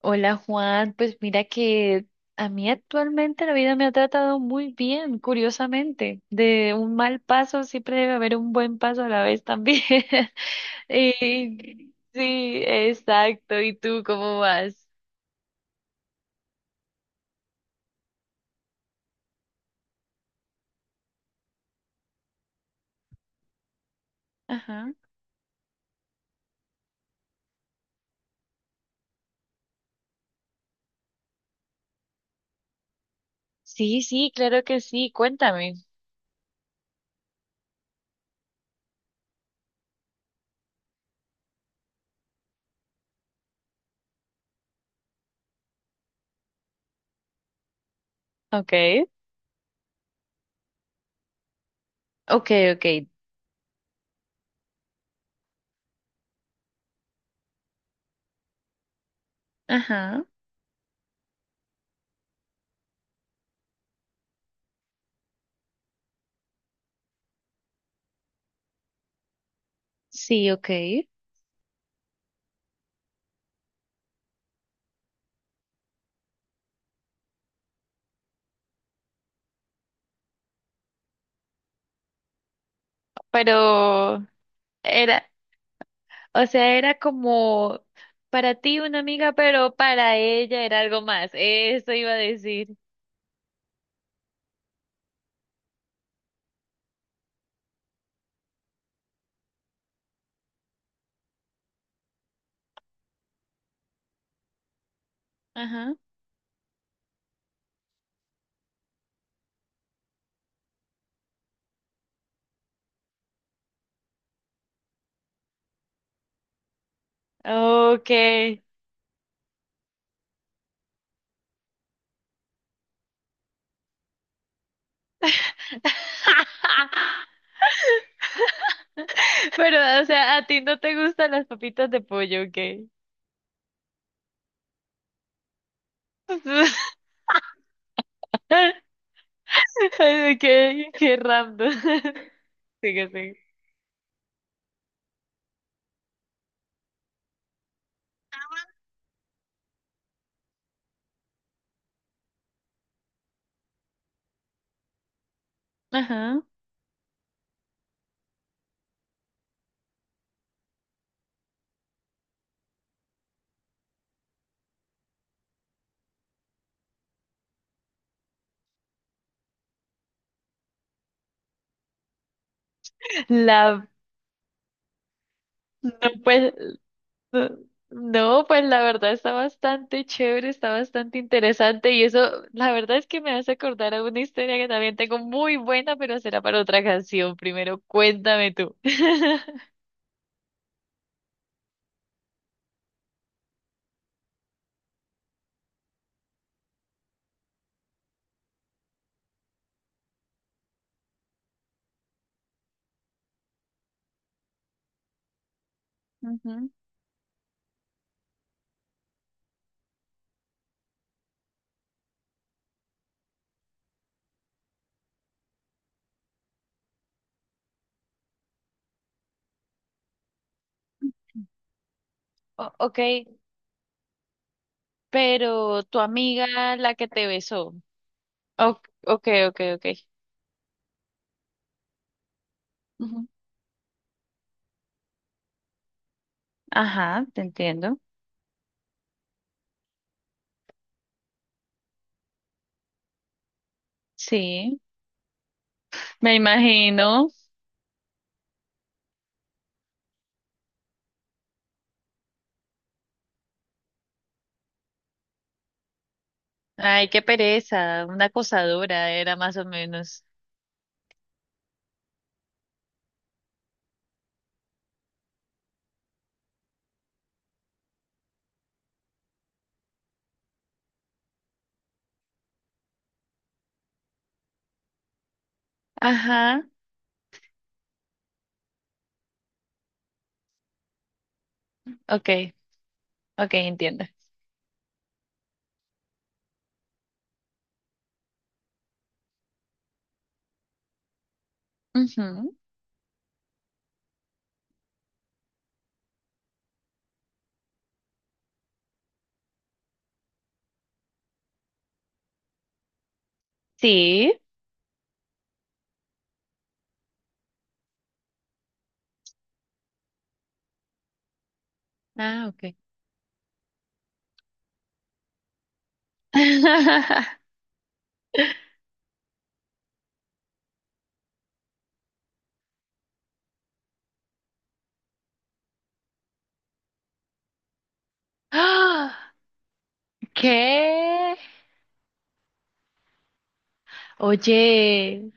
Hola, Juan, pues mira que a mí actualmente la vida me ha tratado muy bien, curiosamente. De un mal paso siempre debe haber un buen paso a la vez también. Sí, exacto. ¿Y tú cómo vas? Ajá. Sí, sí, claro que sí. Cuéntame. Okay. Okay, okay. Ajá. Sí, okay. Pero era O sea, era como para ti una amiga, pero para ella era algo más. Eso iba a decir. Ajá. Okay. Pero, o sea, a ti no te gustan las papitas de pollo, okay. Ay, qué random. Sigue, sigue. Ajá. La, no pues. No, no, pues la verdad está bastante chévere, está bastante interesante y eso, la verdad es que me hace acordar a una historia que también tengo muy buena, pero será para otra canción. Primero, cuéntame tú. Ujú. Ok, pero tu amiga, la que te besó. Ok, ok, ok. Ok. Ujú. Ajá, te entiendo. Sí, me imagino. Ay, qué pereza, una acosadora era más o menos. Ajá, ok, ok, entiendo. Ujú. Sí. Ah, ok. ¡Ah! ¿Qué? Oye,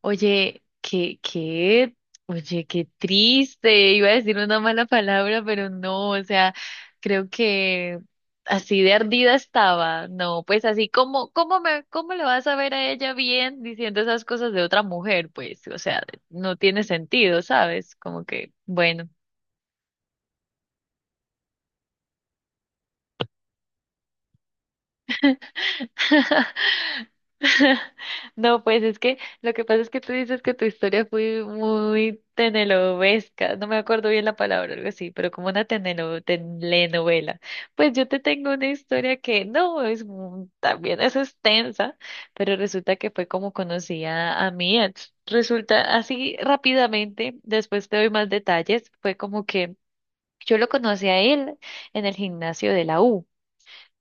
oye, qué, qué, oye, qué triste. Iba a decir una mala palabra, pero no, o sea, creo que así de ardida estaba. No, pues así como, ¿cómo le vas a ver a ella bien diciendo esas cosas de otra mujer? Pues, o sea, no tiene sentido, ¿sabes? Como que, bueno. No, pues es que lo que pasa es que tú dices que tu historia fue muy tenelovesca, no me acuerdo bien la palabra, algo así, pero como una telenovela. Pues yo te tengo una historia que no es también es extensa, pero resulta que fue como conocí a, mi ex. Resulta así rápidamente, después te doy más detalles, fue como que yo lo conocí a él en el gimnasio de la U.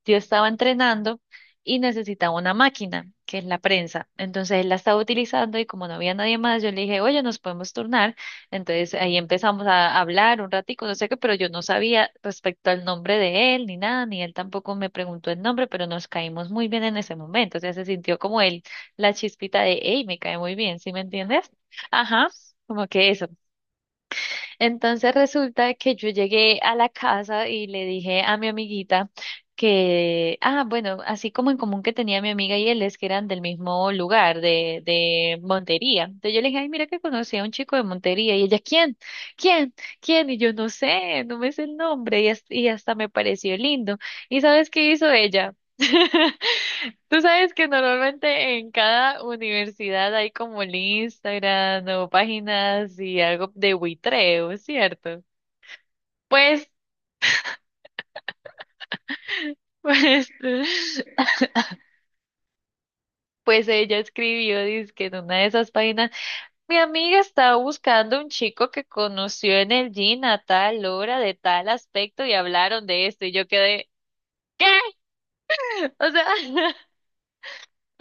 Yo estaba entrenando y necesitaba una máquina, que es la prensa. Entonces él la estaba utilizando y como no había nadie más, yo le dije, oye, nos podemos turnar. Entonces ahí empezamos a hablar un ratico, no sé qué, pero yo no sabía respecto al nombre de él ni nada, ni él tampoco me preguntó el nombre, pero nos caímos muy bien en ese momento. O sea, se sintió como él, la chispita de, hey, me cae muy bien, ¿sí me entiendes? Ajá, como que eso. Entonces resulta que yo llegué a la casa y le dije a mi amiguita que, ah, bueno, así como en común que tenía mi amiga y él es que eran del mismo lugar, de Montería. Entonces yo le dije, ay, mira que conocí a un chico de Montería. Y ella, ¿quién? ¿Quién? ¿Quién? Y yo no sé, no me sé el nombre. Y hasta me pareció lindo. ¿Y sabes qué hizo ella? Tú sabes que normalmente en cada universidad hay como el Instagram o páginas y algo de buitreo, ¿cierto? Pues, pues, pues ella escribió, dice que en una de esas páginas, mi amiga estaba buscando un chico que conoció en el gym a tal hora, de tal aspecto, y hablaron de esto, y yo quedé, ¿qué? O sea,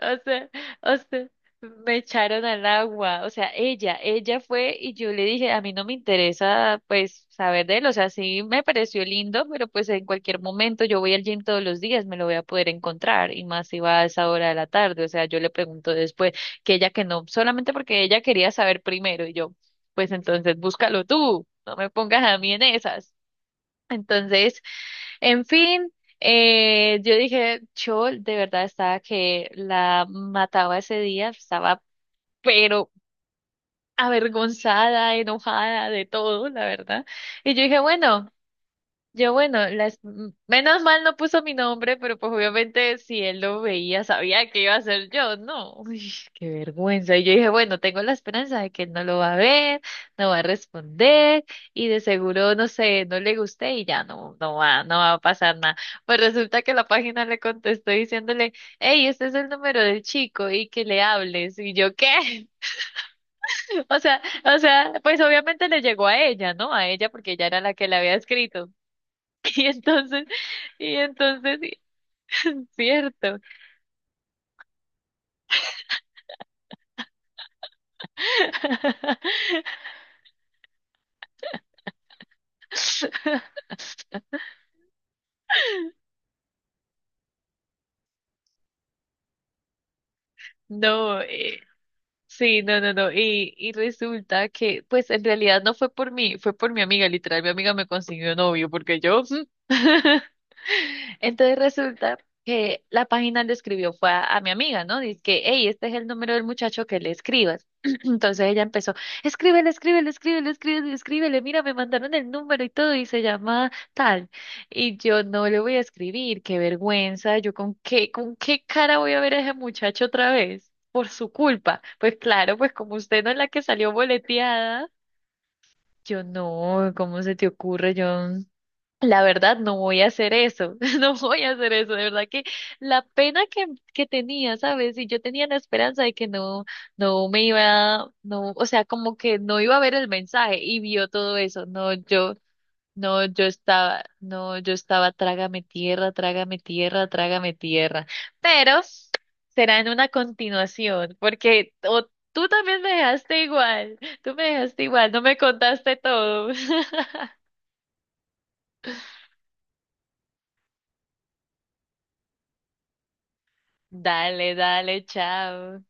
O sea, o sea, me echaron al agua. O sea, ella fue y yo le dije, a mí no me interesa pues saber de él. O sea, sí me pareció lindo, pero pues en cualquier momento yo voy al gym todos los días, me lo voy a poder encontrar. Y más si va a esa hora de la tarde. O sea, yo le pregunto después que ella que no, solamente porque ella quería saber primero y yo, pues entonces búscalo tú, no me pongas a mí en esas. Entonces, en fin, yo dije, yo de verdad estaba que la mataba ese día, estaba pero avergonzada, enojada de todo, la verdad. Y yo dije, bueno. Yo, bueno, menos mal no puso mi nombre, pero pues obviamente si él lo veía, sabía que iba a ser yo, ¿no? Uy, qué vergüenza. Y yo dije, bueno, tengo la esperanza de que él no lo va a ver, no va a responder, y de seguro, no sé, no le guste y ya no, no va a pasar nada. Pues resulta que la página le contestó diciéndole, hey, este es el número del chico y que le hables. Y yo, ¿qué? O sea, pues obviamente le llegó a ella, ¿no? A ella porque ella era la que le había escrito. Y entonces, y entonces, sí, cierto. No, sí, no, no, no. Y resulta que, pues en realidad no fue por mí, fue por mi amiga, literal. Mi amiga me consiguió novio, porque yo. Entonces resulta que la página le escribió fue a, mi amiga, ¿no? Dice que, hey, este es el número del muchacho que le escribas. Entonces ella empezó, escríbele, escríbele, escríbele, escríbele, escríbele, mira, me mandaron el número y todo, y se llama tal. Y yo no le voy a escribir, qué vergüenza, yo con qué cara voy a ver a ese muchacho otra vez, por su culpa. Pues claro, pues como usted no es la que salió boleteada, yo no, ¿cómo se te ocurre? Yo la verdad, no voy a hacer eso, no voy a hacer eso, de verdad que la pena que tenía, ¿sabes? Y yo tenía la esperanza de que no, no me iba, no, o sea, como que no iba a ver el mensaje y vio todo eso, no, yo estaba, trágame tierra, trágame tierra, trágame tierra, pero será en una continuación, porque o tú también me dejaste igual, tú me dejaste igual, no me contaste todo. Dale, dale, chao.